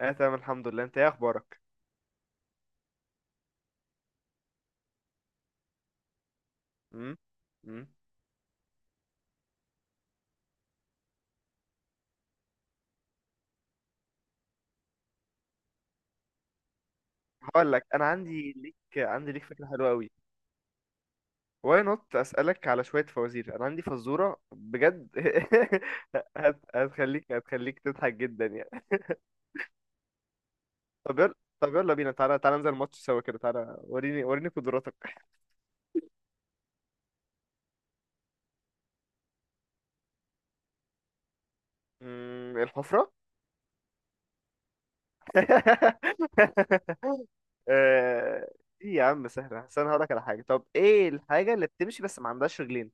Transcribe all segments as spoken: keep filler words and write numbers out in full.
اه تمام، الحمد لله. انت ايه اخبارك؟ امم امم هقول لك، انا عندي ليك عندي ليك فكره حلوه قوي. واي نوت، اسالك على شويه فوازير؟ انا عندي فزوره بجد. هت... هتخليك هتخليك تضحك جدا يعني. طب يلا. طب يلا بينا، تعالى تعالى ننزل الماتش سوا كده. تعالى وريني وريني قدراتك. امم الحفره. آه، ايه يا عم سهله؟ بس انا هقول لك على حاجه. طب ايه الحاجه اللي بتمشي بس ما عندهاش رجلين؟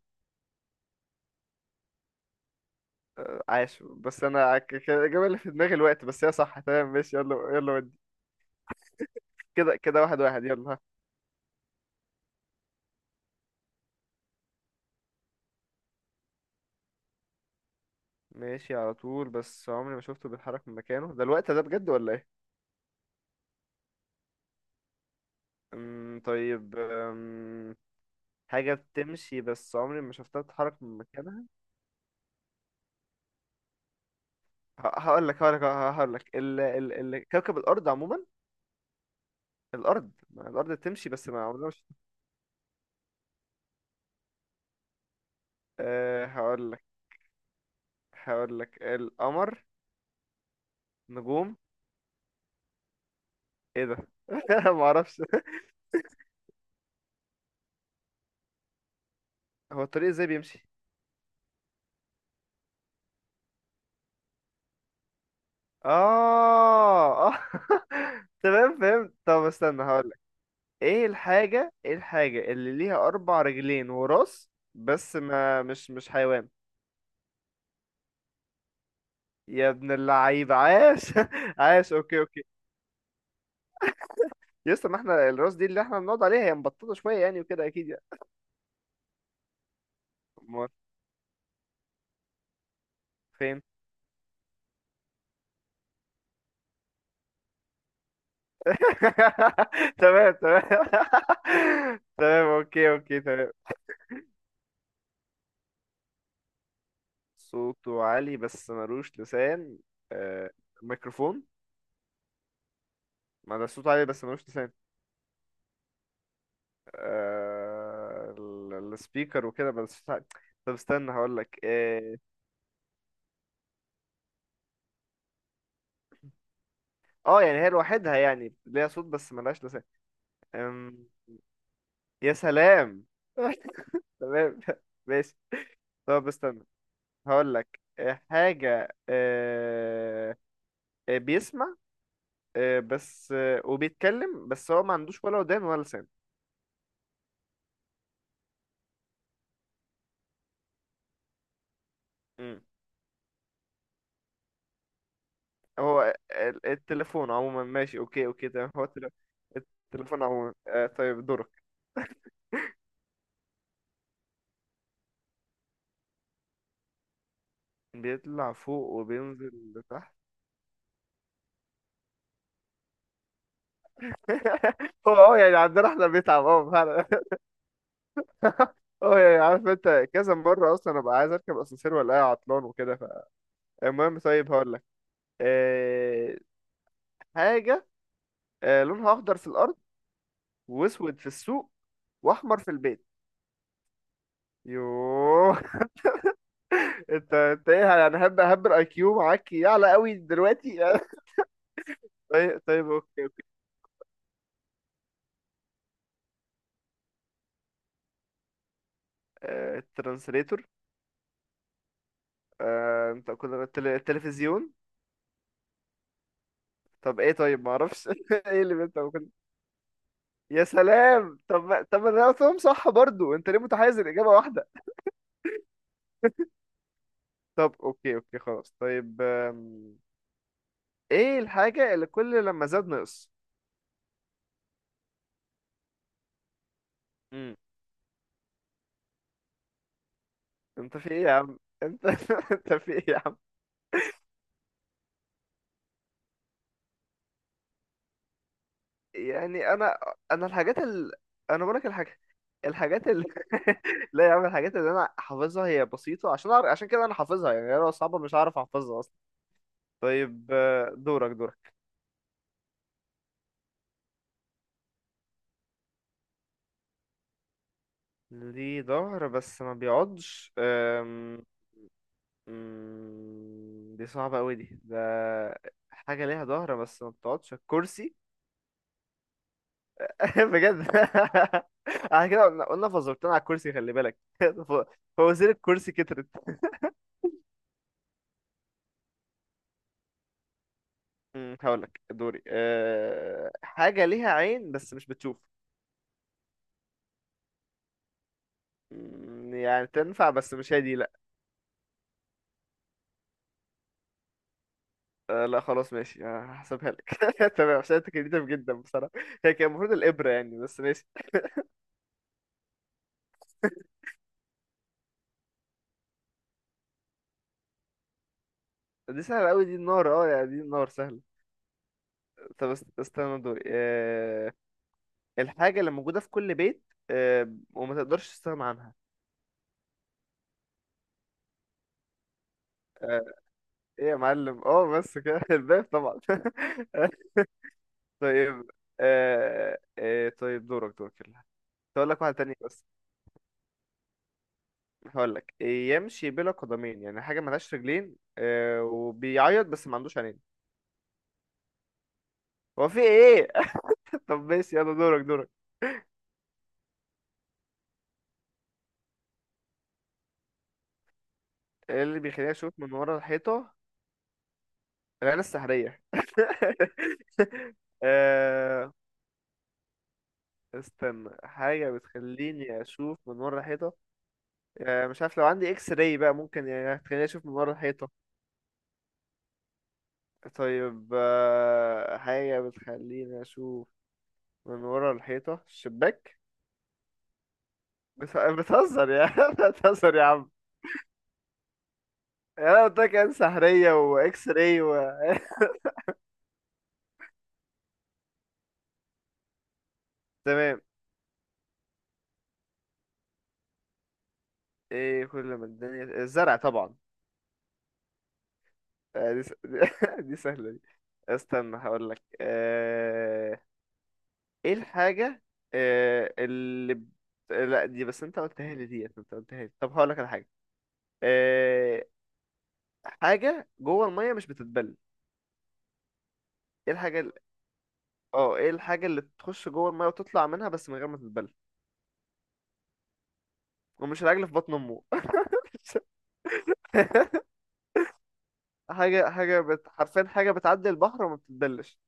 عاش، بس انا ك- ك- الاجابه اللي في دماغي الوقت، بس هي صح تمام. ماشي، يلا يلا ودي. كده كده، واحد واحد، يلا ها. ماشي على طول بس عمري ما شفته بيتحرك من مكانه، ده الوقت ده بجد ولا ايه؟ أمم، طيب أمم، حاجه بتمشي بس عمري ما شفتها تتحرك من مكانها. هقول لك هقول لك هقول لك ال ال ال كوكب الارض عموما. الارض، ما الارض بتمشي، بس ما عمرنا مش... هقول لك هقول لك القمر. نجوم. ايه ده؟ ما اعرفش. هو الطريق ازاي بيمشي؟ اه اه. تمام، فهمت. طب استنى هقولك. ايه الحاجة ايه الحاجة اللي ليها اربع رجلين وراس، بس ما مش مش حيوان؟ يا ابن اللعيب، عاش. عاش، اوكي اوكي. يسطا، ما احنا الراس دي اللي احنا بنقعد عليها، هي مبططة شوية يعني وكده اكيد يعني. امال فين؟ تمام تمام. تمام، اوكي اوكي تمام. صوته عالي بس ملوش لسان. آه، ميكروفون. ما ده صوته عالي بس ملوش لسان. آه، ال- السبيكر وكده بس. طب استنى هقول لك اه. آه، يعني هي لوحدها، يعني ليها صوت بس ملهاش لسان. أم، يا سلام. تمام، ماشي. طب استنى هقول لك. حاجة آه، آه، بيسمع، آه، بس آه، وبيتكلم، بس هو ما عندوش ولا ودان ولا لسان. مم. هو ال- التليفون عموما. ماشي، اوكي اوكي تمام. هو التل- التليفون عموما. آه، طيب دورك. بيطلع فوق وبينزل لتحت. هو اه يعني عندنا احنا بيتعب، اه فعلا. اه يعني عارف انت كذا مره اصلا ابقى عايز اركب اسانسير ولا عطلان وكده. فالمهم طيب هقول لك أه حاجه. أه لونها اخضر في الارض، واسود في السوق، واحمر في البيت. يوه. انت انت ايه يعني؟ هب هب الاي كيو معاك يعلى قوي دلوقتي. طيب طيب اوكي اوكي. أه الترانسليتور. أه انت كنت التلفزيون. طب ايه؟ طيب ما اعرفش. ايه اللي انت؟ يا سلام. طب ما- طب ما انا قلتهم صح برضو، انت ليه متحيز الاجابه واحده؟ طب اوكي اوكي خلاص. طيب آم، ايه الحاجه اللي كل لما زاد نقص؟ امم انت في ايه يا عم انت؟ انت في ايه يا عم؟ يعني انا، انا الحاجات ال... انا بقولك الحاجات، الحاجات ال... لا يا عم، الحاجات اللي انا حافظها هي بسيطه، عشان أعرف... عشان كده انا حافظها يعني. أنا لو صعبه مش هعرف احفظها اصلا. طيب آه، دورك دورك. ليه ظهر بس ما بيقعدش. مم، دي صعبة أوي دي ده. حاجة ليها ظهر بس ما بتقعدش، الكرسي. بجد. احنا كده، قلنا قلنا فزرتنا على الكرسي، خلي بالك. ف- فوازير الكرسي كترت. مم، هقولك دوري. أه... حاجة ليها عين بس مش بتشوف. مم، يعني تنفع بس مش هي دي لأ. أه لأ خلاص ماشي. أه، هحسبها لك. تمام، عشان انت كريتيف جدا بصراحة. هي كان المفروض الإبرة يعني، بس ماشي. دي سهلة أوي، دي النار. اه يعني دي النار سهلة. طب است- استنى دوري. أه... الحاجة اللي موجودة في كل بيت آه، وما تقدرش تستغنى عنها. آه، ايه يا معلم، اه بس كده. الباب طبعا. طيب آه، آه، طيب دورك دورك يلا. هقول لك واحد تاني بس. هقول لك، يمشي بلا قدمين، يعني حاجة ملهاش رجلين آه، وبيعيط بس ما عندوش عينين. هو في ايه؟ طب ماشي، يلا دورك دورك. إيه اللي بيخليني اشوف من ورا الحيطة؟ العين السحرية. آه، استنى، حاجة بتخليني اشوف من ورا الحيطة. آه، مش عارف، لو عندي اكس راي بقى ممكن يعني هتخليني اشوف من ورا الحيطة. طيب آه، حاجة بتخليني اشوف من ورا الحيطة، الشباك. بت- بتهزر يا عم، بتهزر يا عم. يعني انا قلت لك عين سحرية واكس راي و... تمام. ايه كل ما الدنيا... الزرع طبعا. آه، دي, س... دي سهلة دي. استنى هقول لك. آه، ايه الحاجة آه، اللي ب- لا، دي بس انت قلتها لي، ديت انت قلتها لي. طب هقول لك على حاجة. آه، حاجة جوه المية مش بتتبل. ايه الحاجة ال- اه ايه الحاجة اللي تخش جوه المية وتطلع منها بس من غير ما تتبل؟ ومش العجل في بطن امه. حاجة حاجة بت... حرفيا حاجة بتعدي البحر وما بتتبلش.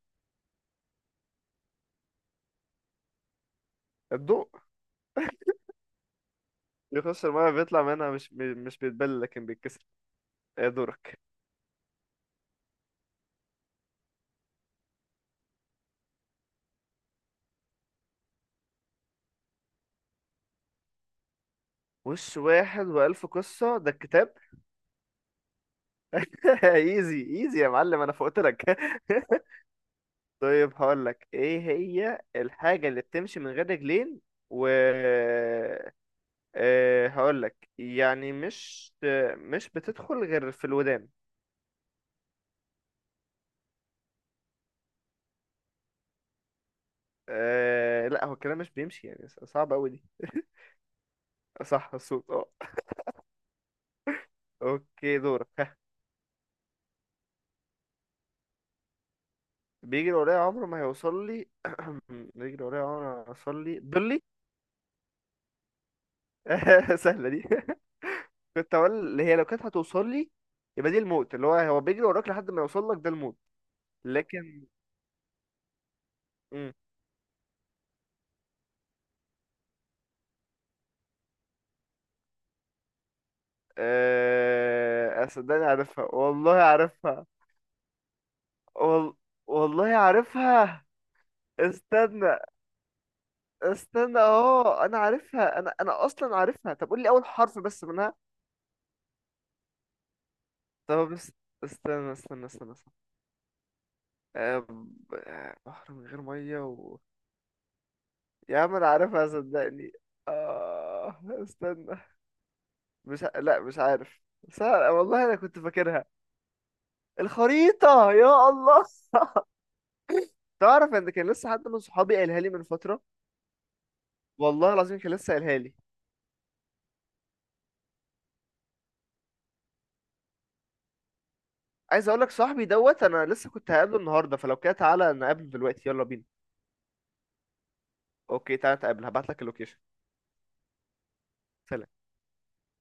الضوء. بيخش المية بيطلع منها، مش بي- مش بيتبل لكن بيتكسر. ايه دورك؟ وش واحد وألف قصة، ده الكتاب. ايزي ايزي يا معلم، انا فوقت لك. طيب هقول لك، ايه هي الحاجة اللي بتمشي من غير رجلين و... أه هقولك يعني، مش مش بتدخل غير في الودان. أه لا، هو الكلام مش بيمشي يعني، صعب أوي دي. صح، الصوت اه. اوكي دورك ها. بيجري ورايا عمره ما هيوصل لي. بيجري ورايا عمره ما هيوصل لي، ضلي. سهلة دي. كنت هقول اللي هي لو كانت هتوصل لي يبقى دي الموت، اللي هو هو بيجري وراك لحد ما يوصل لك، ده الموت. لكن. مم. آه، صدقني عارفها والله عارفها. وال... والله عارفها. استنى. استنى، اه انا عارفها، انا انا اصلا عارفها. طب قول لي اول حرف بس منها. طب بس. استنى، استنى، استنى، استنى. آه، ب- آه، بحر من غير ميه و... يا عم انا عارفها صدقني. آه. استنى. مش ع- لا مش عارف. سهل والله انا كنت فاكرها. الخريطة، يا الله. تعرف ان كان لسه حد من صحابي قالها لي من فترة. والله العظيم كان لسه قالها لي. عايز اقول لك، صاحبي دوت انا لسه كنت هقابله النهارده، فلو كده تعالى نقابله دلوقتي، يلا بينا. اوكي، تعالى نتقابل، هبعت لك اللوكيشن. سلام.